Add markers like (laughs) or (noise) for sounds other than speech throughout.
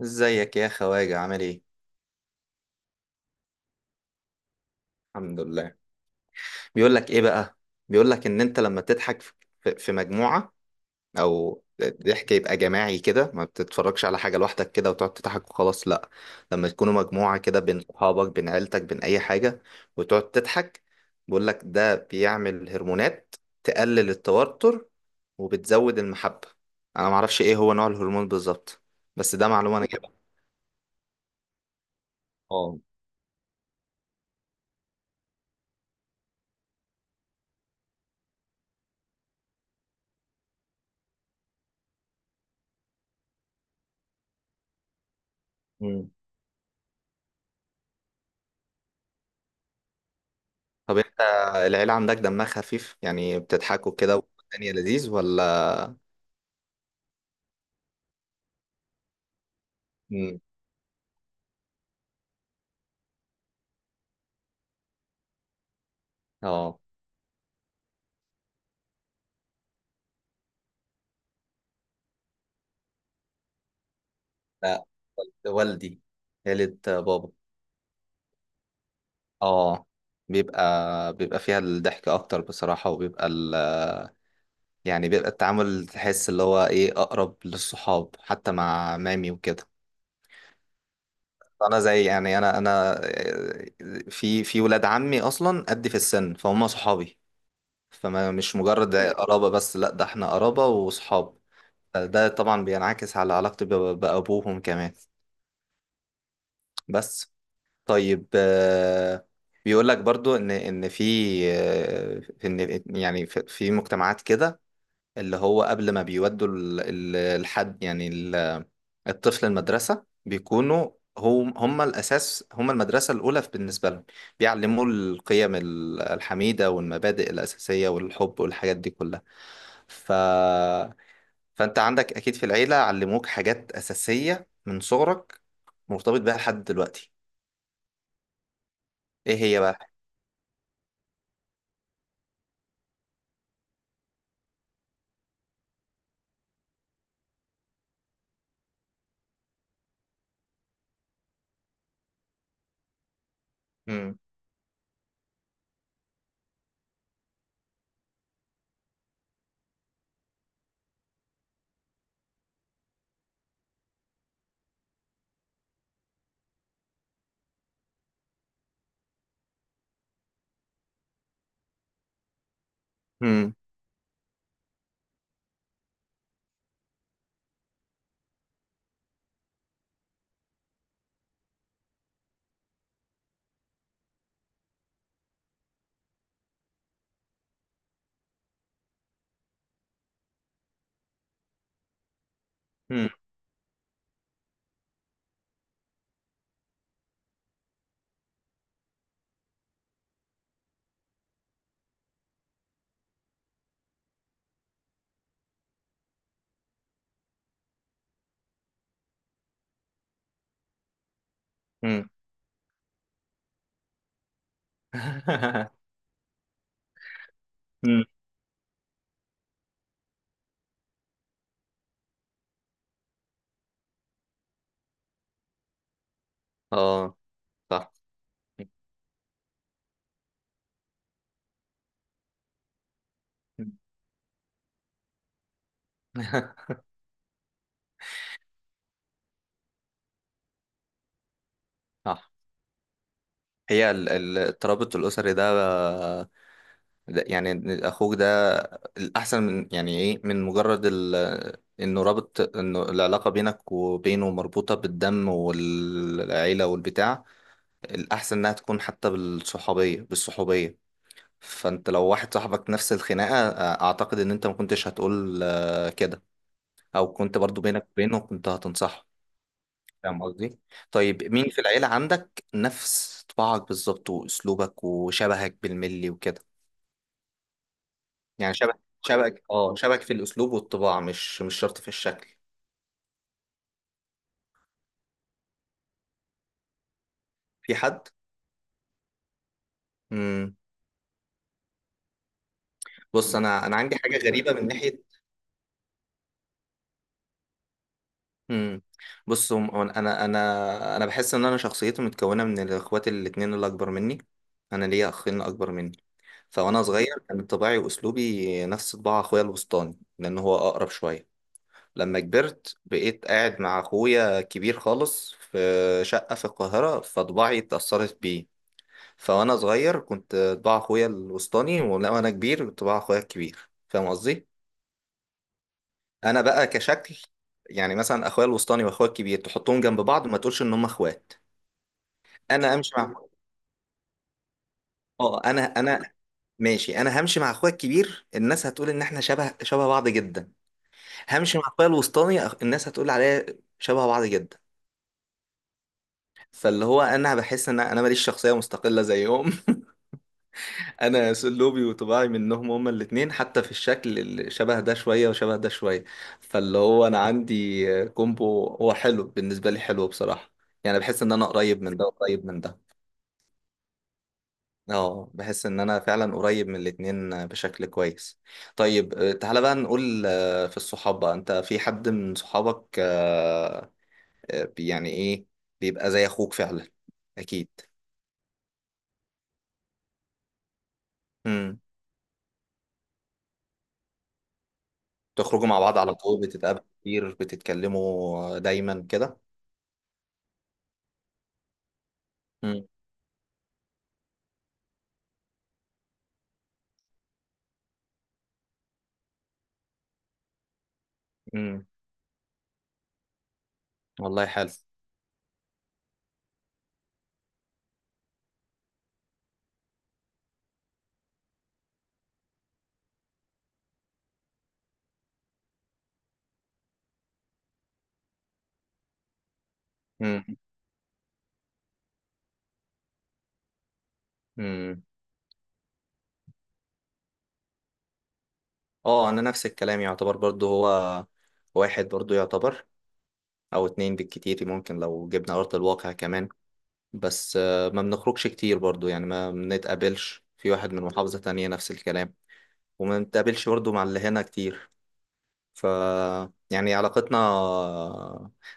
ازيك يا خواجة عامل ايه؟ الحمد لله. بيقول لك ايه بقى؟ بيقول لك ان انت لما تضحك في مجموعة او ضحك يبقى جماعي كده، ما بتتفرجش على حاجة لوحدك كده وتقعد تضحك وخلاص، لا. لما تكونوا مجموعة كده بين صحابك بين عيلتك بين اي حاجة وتقعد تضحك، بيقول لك ده بيعمل هرمونات تقلل التوتر وبتزود المحبة. انا معرفش ايه هو نوع الهرمون بالظبط، بس ده معلومة انا جايبها. اه. طب انت العيلة عندك دمها خفيف؟ يعني بتضحكوا كده والدنيا لذيذ ولا؟ مم. اه. لا، والدي، عيلة بابا. اه. بيبقى فيها الضحك اكتر بصراحة، وبيبقى يعني بيبقى التعامل، تحس اللي هو ايه، اقرب للصحاب، حتى مع مامي وكده. انا زي يعني انا في ولاد عمي اصلا قد في السن فهم صحابي. فما، مش مجرد قرابة بس، لا، ده احنا قرابة وصحاب. ده طبعا بينعكس على علاقتي بأبوهم كمان. بس. طيب آه،، بيقول لك برضو ان في آه،، في ان يعني في مجتمعات كده، اللي هو قبل ما بيودوا الحد، يعني الطفل المدرسة، بيكونوا هم الأساس، هم المدرسة الأولى بالنسبة لهم، بيعلموا القيم الحميدة والمبادئ الأساسية والحب والحاجات دي كلها. ف فانت عندك اكيد في العيلة علموك حاجات اساسية من صغرك، مرتبط بيها لحد دلوقتي. ايه هي بقى؟ مم. مم. مم. مم. (laughs) مم. اه. صح. مم. (laughs) صح. هي الترابط الاسري ده، يعني إن اخوك ده الاحسن، من يعني ايه، من مجرد انه رابط، انه العلاقه بينك وبينه مربوطه بالدم والعيله والبتاع، الاحسن انها تكون حتى بالصحوبيه. فانت لو واحد صاحبك نفس الخناقة، اعتقد ان انت ما كنتش هتقول كده، او كنت برضو بينك وبينه كنت هتنصحه، فاهم قصدي؟ طيب، مين في العيلة عندك نفس طباعك بالظبط واسلوبك وشبهك بالملي وكده؟ يعني شبه، شبهك في الاسلوب والطباع، مش شرط في الشكل. في حد؟ امم. بص انا عندي حاجة غريبة من ناحية. امم. بص، انا بحس ان انا شخصيتي متكونة من الاخوات الاتنين اللي اكبر مني. انا ليا اخين اكبر مني. فوانا صغير كان طباعي واسلوبي نفس طباع اخويا الوسطاني لان هو اقرب شويه. لما كبرت بقيت قاعد مع اخويا كبير خالص في شقه في القاهره، فطباعي اتاثرت بيه. فوانا صغير كنت طباع اخويا الوسطاني، وانا كبير كنت طباع اخويا الكبير، فاهم قصدي؟ انا بقى كشكل، يعني مثلا اخويا الوسطاني واخويا الكبير تحطهم جنب بعض ما تقولش ان هم اخوات. انا امشي مع، اه انا ماشي، انا همشي مع اخويا الكبير الناس هتقول ان احنا شبه شبه بعض جدا، همشي مع الطيب الوسطاني الناس هتقول عليا شبه بعض جدا. فاللي هو انا بحس ان انا ماليش شخصيه مستقله زيهم (laughs) انا اسلوبي وطباعي منهم هما الاثنين، حتى في الشكل اللي شبه ده شويه وشبه ده شويه. فاللي هو انا عندي كومبو هو حلو بالنسبه لي، حلو بصراحه. يعني بحس ان انا قريب من ده وقريب من ده. اه، بحس ان انا فعلا قريب من الاثنين بشكل كويس. طيب آه،، تعالى بقى نقول في الصحاب بقى، انت في حد من صحابك يعني ايه، بيبقى زي اخوك فعلا، اكيد؟ امم. تخرجوا مع بعض على طول، بتتقابلوا كتير، بتتكلموا دايما كده؟ امم. امم. والله حلو. امم. امم. اه، انا نفس الكلام يعتبر برضو، هو واحد برضو يعتبر، او اتنين بالكتير ممكن لو جبنا ارض الواقع كمان. بس ما بنخرجش كتير برضو، يعني ما بنتقابلش، في واحد من محافظة تانية نفس الكلام، وما بنتقابلش برضو مع اللي هنا كتير. ف يعني علاقتنا،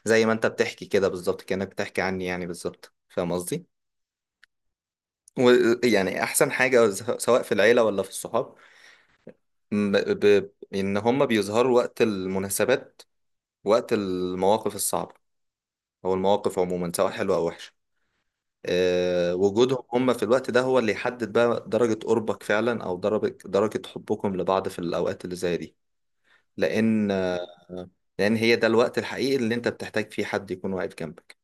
زي ما انت بتحكي كده بالظبط، كأنك بتحكي عني يعني بالظبط، فاهم قصدي؟ ويعني احسن حاجة سواء في العيلة ولا في الصحاب، ان هم بيظهروا وقت المناسبات، وقت المواقف الصعبة، او المواقف عموما سواء حلوة او وحشة. أه، وجودهم هم في الوقت ده هو اللي يحدد بقى درجة قربك فعلا، او درجة حبكم لبعض في الاوقات اللي زي دي. لان، لان هي ده الوقت الحقيقي اللي انت بتحتاج فيه حد يكون واقف جنبك.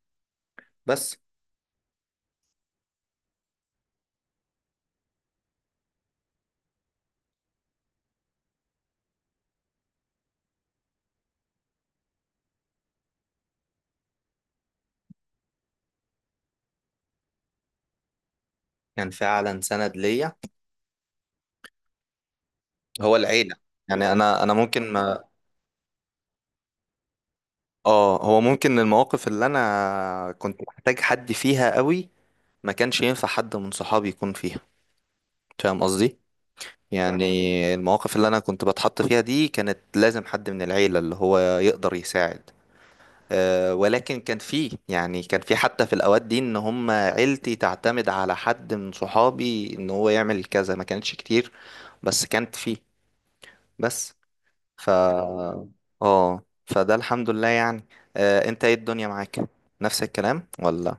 بس. كان فعلا سند ليا. هو العيلة. يعني انا ممكن ما اه، هو ممكن المواقف اللي انا كنت محتاج حد فيها قوي، ما كانش ينفع حد من صحابي يكون فيها، فاهم قصدي؟ يعني المواقف اللي انا كنت بتحط فيها دي كانت لازم حد من العيلة اللي هو يقدر يساعد. أه، ولكن كان فيه، يعني كان في حتى في الاوقات دي ان هم عيلتي تعتمد على حد من صحابي ان هو يعمل كذا، ما كانتش كتير بس كانت فيه. بس. ف اه، فده الحمد لله يعني. آه، انت ايه الدنيا معاك، نفس الكلام ولا؟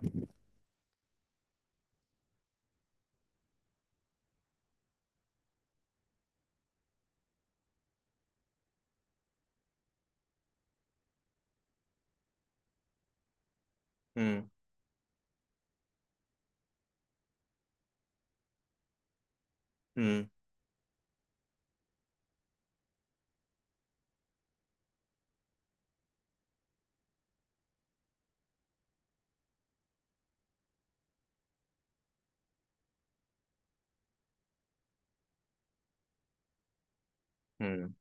امم. امم. امم.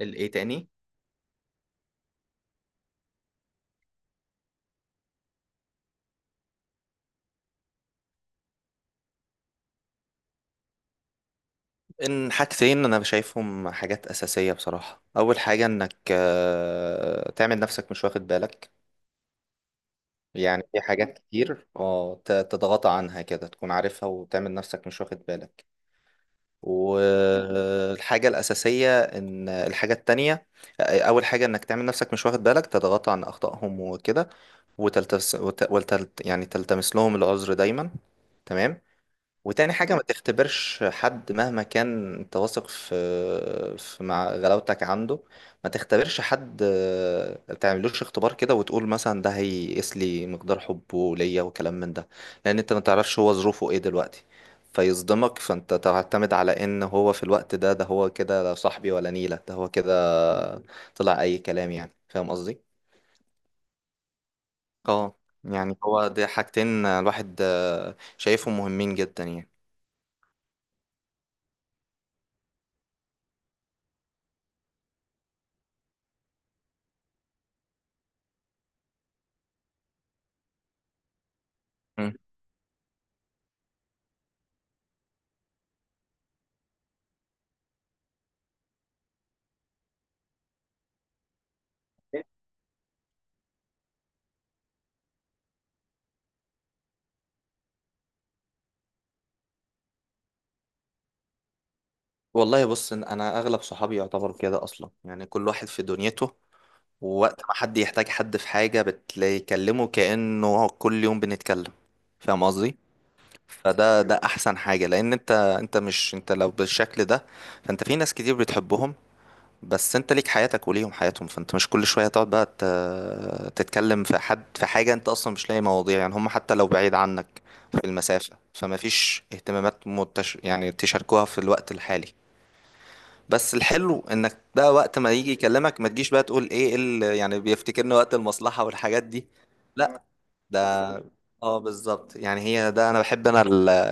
الايه تاني؟ ان حاجتين انا شايفهم حاجات اساسيه بصراحه. اول حاجه انك تعمل نفسك مش واخد بالك. يعني في حاجات كتير، اه، تضغط عنها كده، تكون عارفها وتعمل نفسك مش واخد بالك. والحاجه الاساسيه، ان الحاجه التانية، اول حاجه انك تعمل نفسك مش واخد بالك، تضغط عن اخطائهم وكده، يعني تلتمس لهم العذر دايما. تمام. وتاني حاجة، ما تختبرش حد مهما كان انت واثق في مع غلاوتك عنده. ما تختبرش حد ما تعملوش اختبار كده وتقول مثلا ده هيقيس لي مقدار حبه ليا وكلام من ده. لأن انت ما تعرفش هو ظروفه ايه دلوقتي، فيصدمك، فانت تعتمد على ان هو في الوقت ده ده هو كده، لا صاحبي ولا نيلة، ده هو كده، طلع اي كلام، يعني فاهم قصدي؟ اه. يعني هو ده حاجتين الواحد شايفهم مهمين جدا يعني. مم. والله، بص، إن انا اغلب صحابي يعتبر كده اصلا، يعني كل واحد في دنيته، ووقت ما حد يحتاج حد في حاجة بتلاقي يكلمه كأنه هو كل يوم بنتكلم، فاهم قصدي؟ فده احسن حاجة، لان انت، انت مش انت لو بالشكل ده فانت في ناس كتير بتحبهم، بس انت ليك حياتك وليهم حياتهم، فانت مش كل شوية تقعد بقى تتكلم في حد في حاجة انت اصلا مش لاقي مواضيع، يعني هم حتى لو بعيد عنك في المسافة فما فيش اهتمامات يعني تشاركوها في الوقت الحالي. بس الحلو انك بقى وقت ما يجي يكلمك ما تجيش بقى تقول ايه يعني بيفتكرني وقت المصلحة والحاجات دي. لا. ده. اه، بالظبط، يعني هي ده انا بحب انا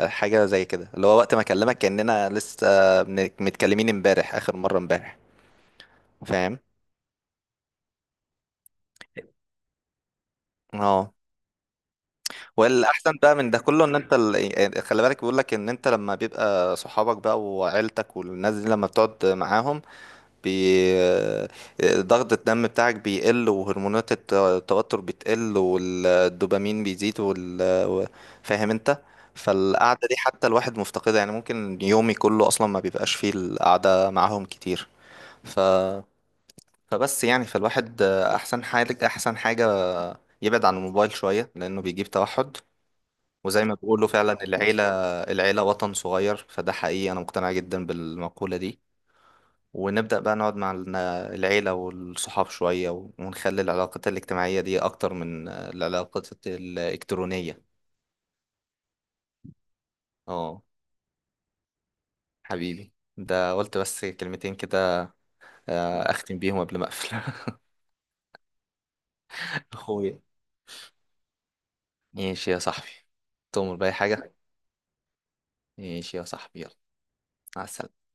الحاجة زي كده، اللي هو وقت ما اكلمك كأننا لسه متكلمين امبارح اخر مرة امبارح، فاهم؟ اه. والاحسن بقى من ده كله ان انت يعني، خلي بالك، بيقول لك ان انت لما بيبقى صحابك بقى وعيلتك والناس دي لما بتقعد معاهم بي... آه، ضغط الدم بتاعك بيقل، وهرمونات التوتر بتقل، والدوبامين بيزيد و- فاهم انت. فالقعدة دي حتى الواحد مفتقدها، يعني ممكن يومي كله اصلا ما بيبقاش فيه القعدة معاهم كتير. ف... فبس يعني، فالواحد احسن حاجة، يبعد عن الموبايل شوية لانه بيجيب توحد. وزي ما بيقولوا فعلا، العيلة، العيلة وطن صغير، فده حقيقي، أنا مقتنع جدا بالمقولة دي. ونبدأ بقى نقعد مع العيلة والصحاب شوية، ونخلي العلاقات الاجتماعية دي أكتر من العلاقات الإلكترونية. اه، حبيبي، ده قلت بس كلمتين كده، أختم بيهم قبل ما أقفل. (laughs) أخويا، ماشي يا صاحبي، تؤمر بأي حاجة. ماشي يا صاحبي، يلا. مع السلامة.